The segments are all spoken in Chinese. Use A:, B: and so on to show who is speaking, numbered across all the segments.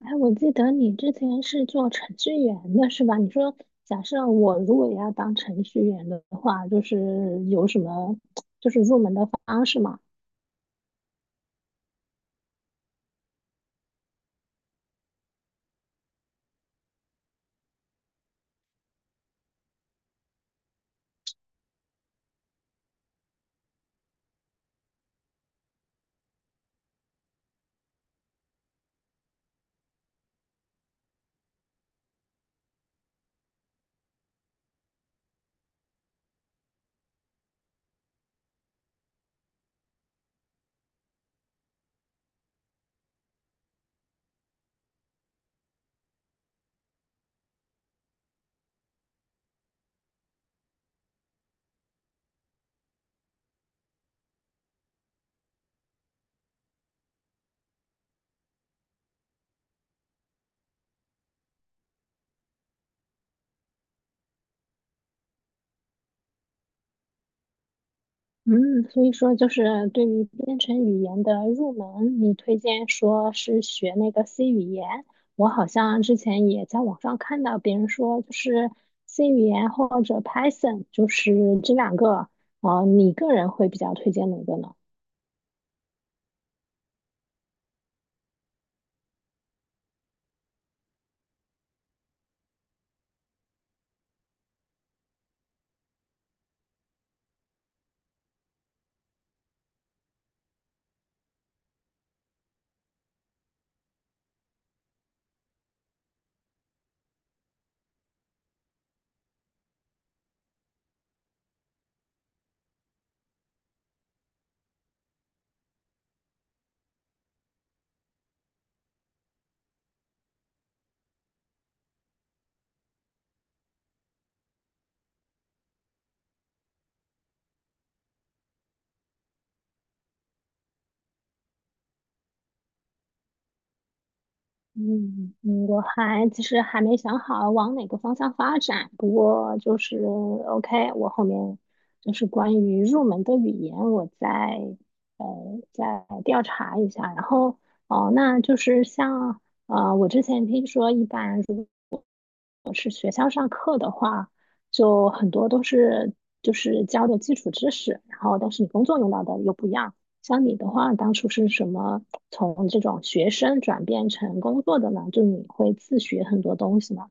A: 哎，我记得你之前是做程序员的是吧？你说，假设我如果要当程序员的话，有什么入门的方式吗？嗯，所以说就是对于编程语言的入门，你推荐说是学那个 C 语言。我好像之前也在网上看到别人说，就是 C 语言或者 Python，就是这两个，你个人会比较推荐哪个呢？嗯嗯，我其实还没想好往哪个方向发展，不过就是 OK，我后面就是关于入门的语言，我呃再调查一下。然后哦，那就是像我之前听说一般。是学校上课的话，就很多都是就是教的基础知识，然后但是你工作用到的又不一样。像你的话，当初是什么从这种学生转变成工作的呢？就你会自学很多东西吗？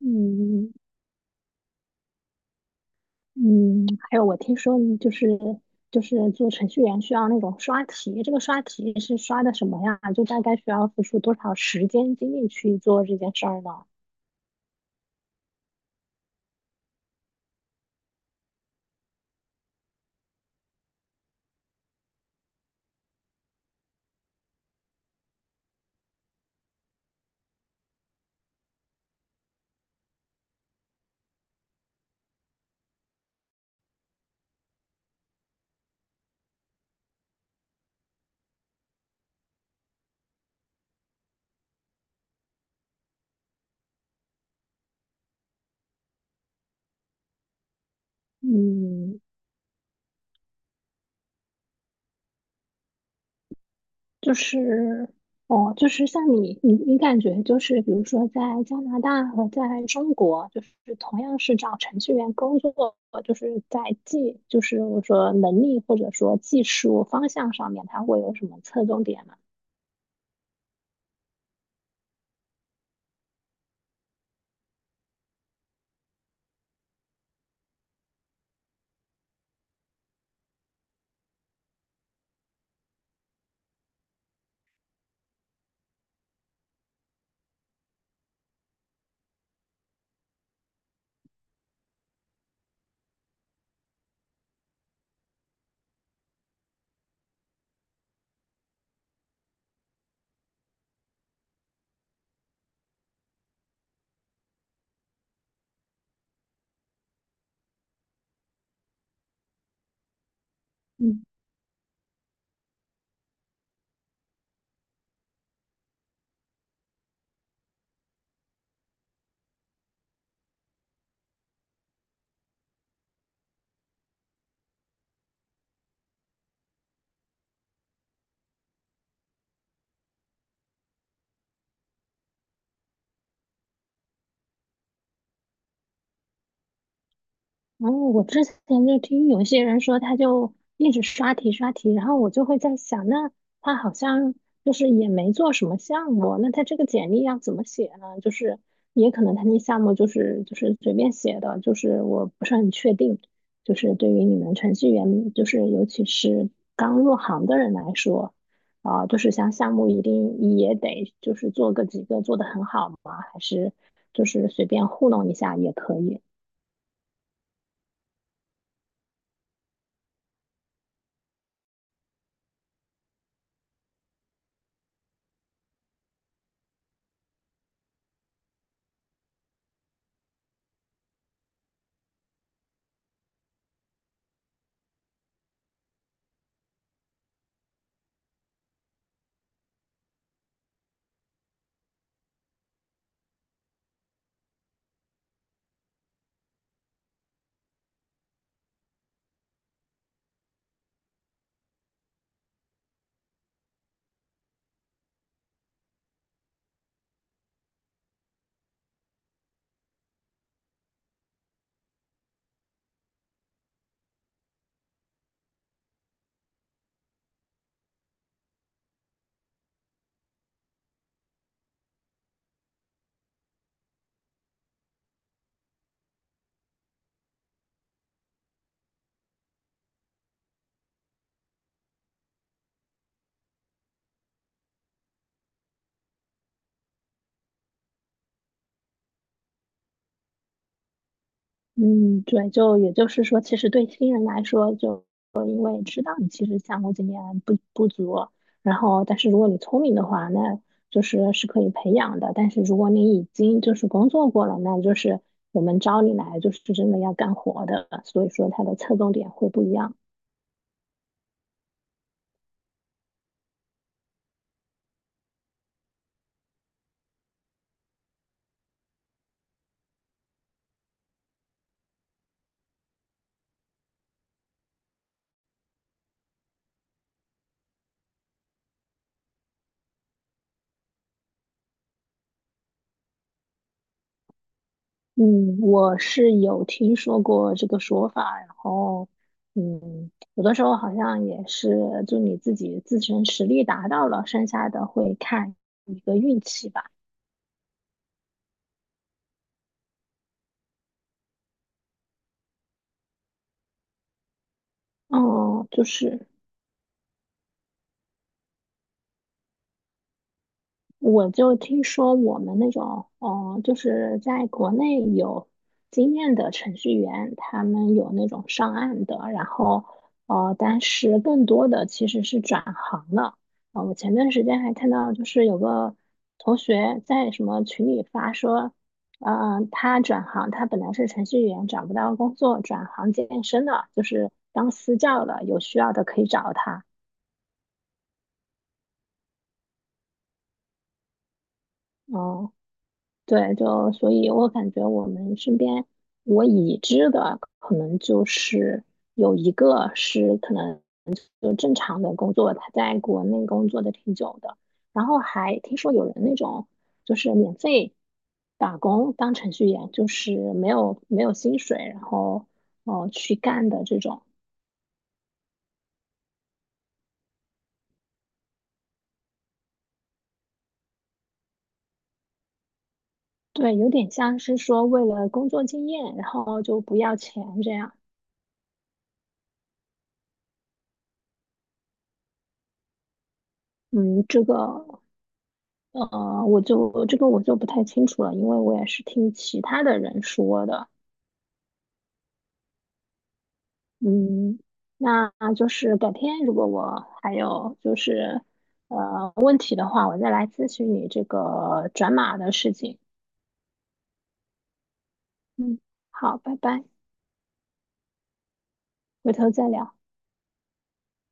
A: 嗯嗯，还有我听说你就是做程序员需要那种刷题，这个刷题是刷的什么呀？就大概需要付出多少时间精力去做这件事儿呢？嗯。就是，哦，就是像你，你感觉就是，比如说在加拿大和在中国，就是同样是找程序员工作，就是在技，就是我说能力或者说技术方向上面，它会有什么侧重点吗？嗯然后我之前就听有些人说，他就一直刷题刷题，然后我就会在想，那他好像就是也没做什么项目，那他这个简历要怎么写呢？就是也可能他那项目就是随便写的，就是我不是很确定。就是对于你们程序员，就是尤其是刚入行的人来说，啊、就是像项目一定也得就是做个几个做得很好吗？还是就是随便糊弄一下也可以？嗯，对，就也就是说，其实对新人来说，就我也知道你其实项目经验不足，然后但是如果你聪明的话，那就是是可以培养的。但是如果你已经就是工作过了，那就是我们招你来就是真的要干活的，所以说它的侧重点会不一样。嗯，我是有听说过这个说法，然后嗯，有的时候好像也是就你自己自身实力达到了，剩下的会看一个运气吧。哦，就是我就听说我们那种，哦，就是在国内有经验的程序员，他们有那种上岸的，然后，但是更多的其实是转行了。我前段时间还看到，就是有个同学在什么群里发说，嗯，他转行，他本来是程序员，找不到工作，转行健身了，就是当私教了，有需要的可以找他。哦。对，就所以，我感觉我们身边我已知的可能就是有一个是可能就正常的工作，他在国内工作的挺久的，然后还听说有人那种就是免费打工当程序员，就是没有薪水，然后去干的这种，对，有点像是说为了工作经验，然后就不要钱这样，嗯，这个。我就这个我就不太清楚了，因为我也是听其他的人说的。嗯，那就是改天如果我还有就是问题的话，我再来咨询你这个转码的事情。嗯，好，拜拜，回头再聊。